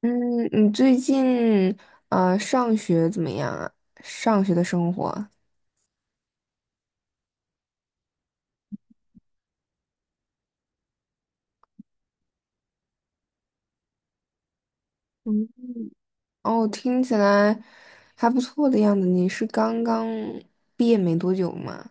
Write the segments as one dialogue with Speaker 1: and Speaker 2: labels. Speaker 1: 嗯，你最近上学怎么样啊？上学的生活哦，听起来还不错的样子。你是刚刚毕业没多久吗？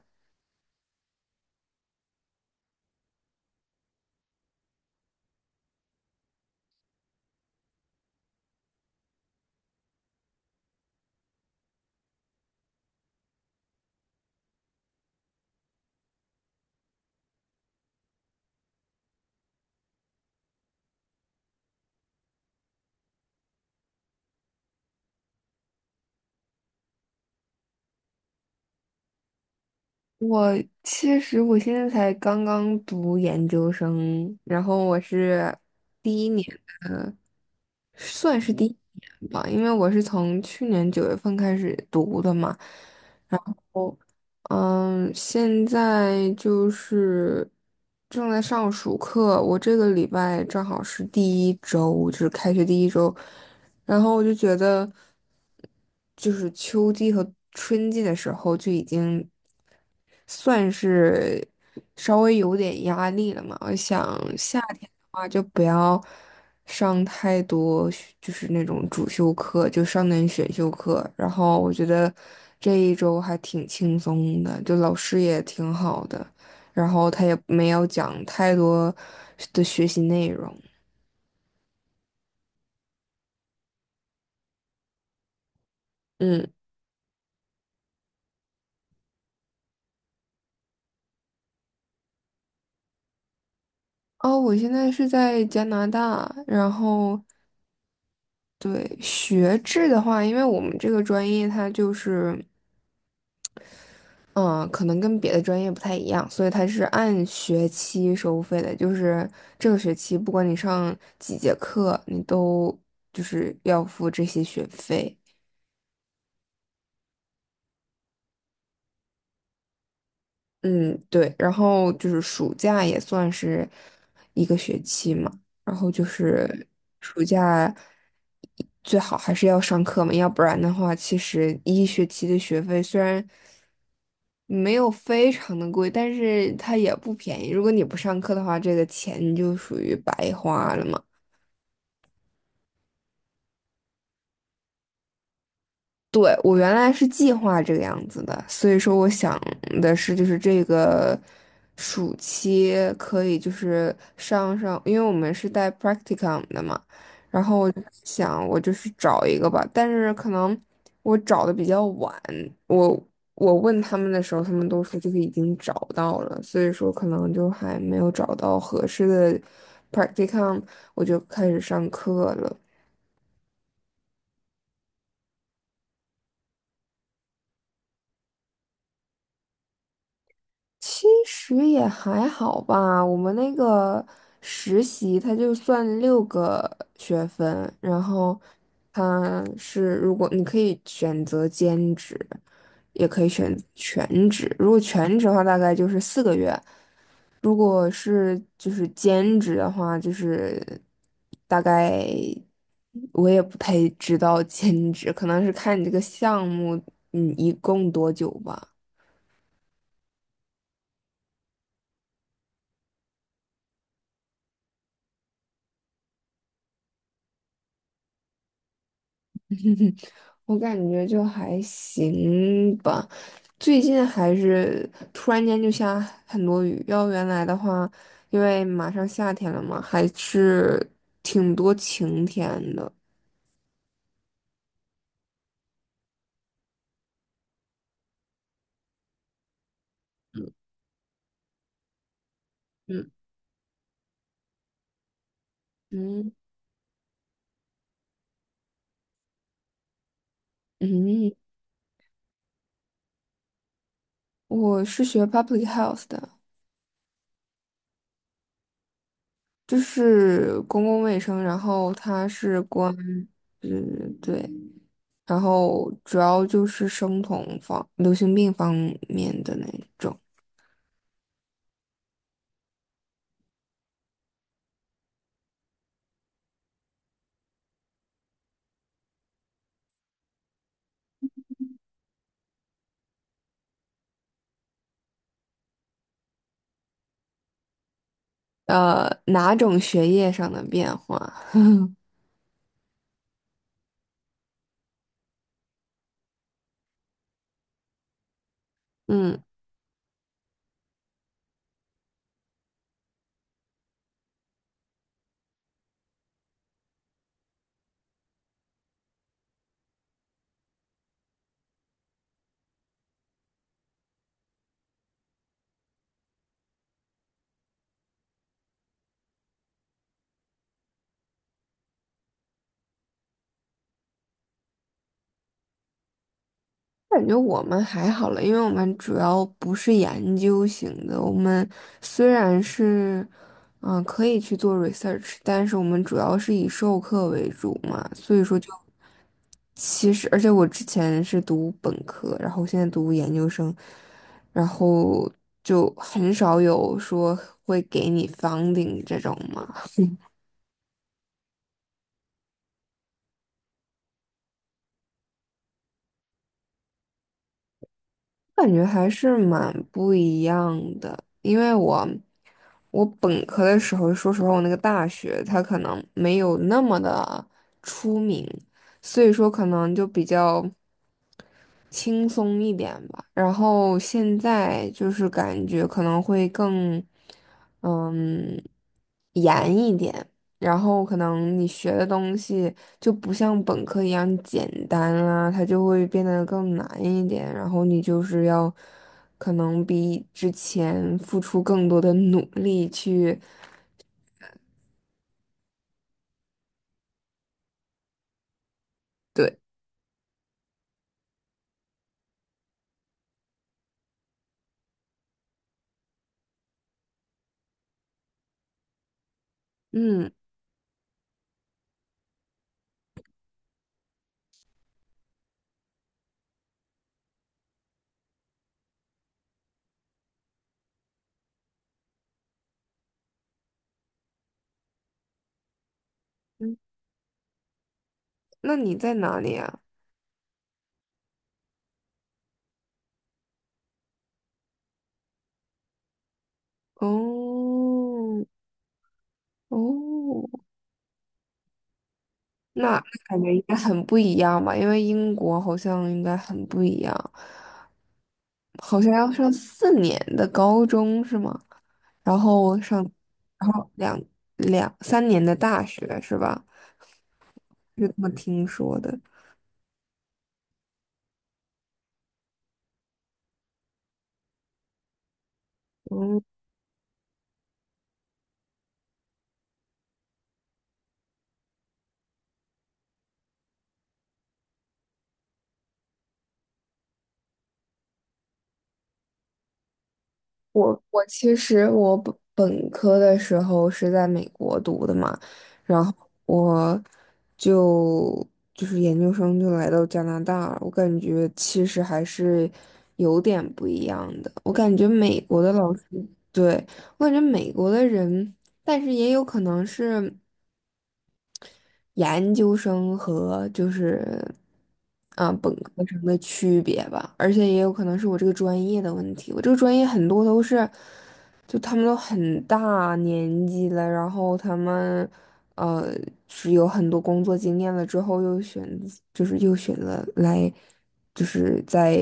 Speaker 1: 我其实现在才刚刚读研究生，然后我是第一年，算是第一年吧，因为我是从去年九月份开始读的嘛。嗯，现在就是正在上暑课，我这个礼拜正好是第一周，就是开学第一周，然后我就觉得，就是秋季和春季的时候就已经算是稍微有点压力了嘛。我想夏天的话就不要上太多学就是那种主修课，就上点选修课。然后我觉得这一周还挺轻松的，就老师也挺好的，然后他也没有讲太多的学习内容。嗯。哦，我现在是在加拿大，然后对学制的话，因为我们这个专业它就是，嗯、可能跟别的专业不太一样，所以它是按学期收费的，就是这个学期不管你上几节课，你都就是要付这些学费。嗯，对，然后就是暑假也算是一个学期嘛，然后就是暑假最好还是要上课嘛，要不然的话，其实一学期的学费虽然没有非常的贵，但是它也不便宜。如果你不上课的话，这个钱你就属于白花了嘛。对，我原来是计划这个样子的，所以说我想的是，就是这个暑期可以就是上上，因为我们是带 practicum 的嘛，然后我就想我就是找一个吧，但是可能我找的比较晚，我我问他们的时候，他们都说就是已经找到了，所以说可能就还没有找到合适的 practicum，我就开始上课了。其实也还好吧，我们那个实习它就算6个学分，然后它是如果你可以选择兼职，也可以选全职。如果全职的话，大概就是4个月；如果是就是兼职的话，就是大概我也不太知道 兼职，可能是看你这个项目，嗯，一共多久吧。我感觉就还行吧，最近还是突然间就下很多雨。要原来的话，因为马上夏天了嘛，还是挺多晴天的。嗯，嗯嗯，我是学 public health 的，就是公共卫生，然后它是关，嗯对，然后主要就是生酮方、流行病方面的那种，哪种学业上的变化。嗯，感觉我们还好了，因为我们主要不是研究型的。我们虽然是，可以去做 research，但是我们主要是以授课为主嘛，所以说就其实，而且我之前是读本科，然后现在读研究生，然后就很少有说会给你 funding 这种嘛。感觉还是蛮不一样的，因为我本科的时候，说实话，我那个大学它可能没有那么的出名，所以说可能就比较。轻松一点吧。然后现在就是感觉可能会更，嗯，严一点。然后可能你学的东西就不像本科一样简单啊，它就会变得更难一点。然后你就是要可能比之前付出更多的努力去，对，嗯，嗯那你在哪里啊？哦，哦。那那感觉应该很不一样吧？因为英国好像应该很不一样，好像要上四年的高中是吗？然后上，然后两三年的大学是吧？就这么听说的。嗯。我其实我本科的时候是在美国读的嘛，然后我就就是研究生就来到加拿大了，我感觉其实还是有点不一样的。我感觉美国的老师，对，我感觉美国的人，但是也有可能是。研究生和就是本科生的区别吧，而且也有可能是我这个专业的问题。我这个专业很多都是，就他们都很大年纪了，然后他们呃是有很多工作经验了之后，就是又选择来就是在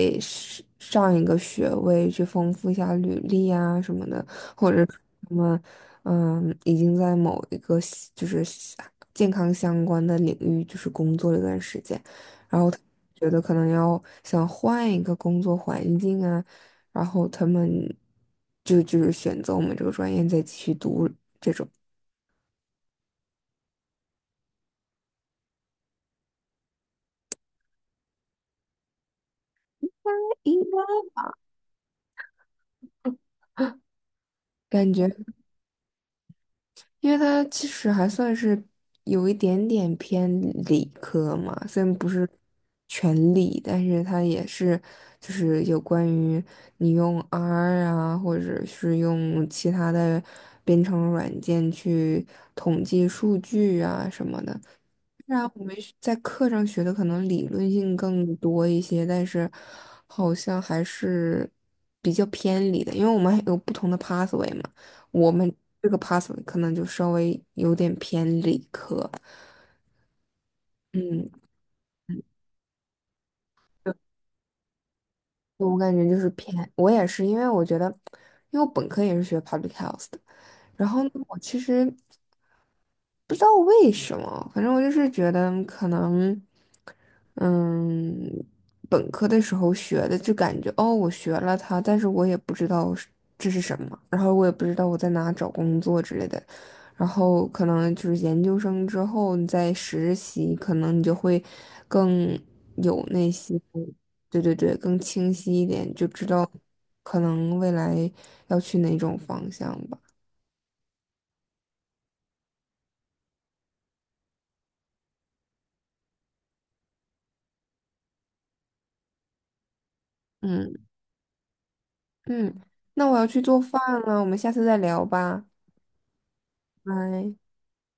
Speaker 1: 上一个学位去丰富一下履历啊什么的。或者是他们已经在某一个就是健康相关的领域就是工作了一段时间，然后他觉得可能要想换一个工作环境啊，然后他们就是选择我们这个专业再继续读，应该。感觉。因为它其实还算是有一点点偏理科嘛，虽然不是全理，但是它也是就是有关于你用 R 啊，或者是用其他的编程软件去统计数据啊什么的。虽然我们是在课上学的可能理论性更多一些，但是好像还是比较偏离的，因为我们还有不同的 pathway 嘛。我们这个 pathway 可能就稍微有点偏理科，嗯，对我感觉就是偏，我也是，因为我觉得，因为我本科也是学 public health 的，然后呢我其实。不知道为什么，反正我就是觉得可能，嗯，本科的时候学的就感觉哦，我学了它，但是我也不知道是这是什么，然后我也不知道我在哪找工作之类的，然后可能就是研究生之后你再实习，可能你就会更有那些，对对对，更清晰一点，就知道可能未来要去哪种方向吧，嗯。嗯，那我要去做饭了，我们下次再聊吧，拜。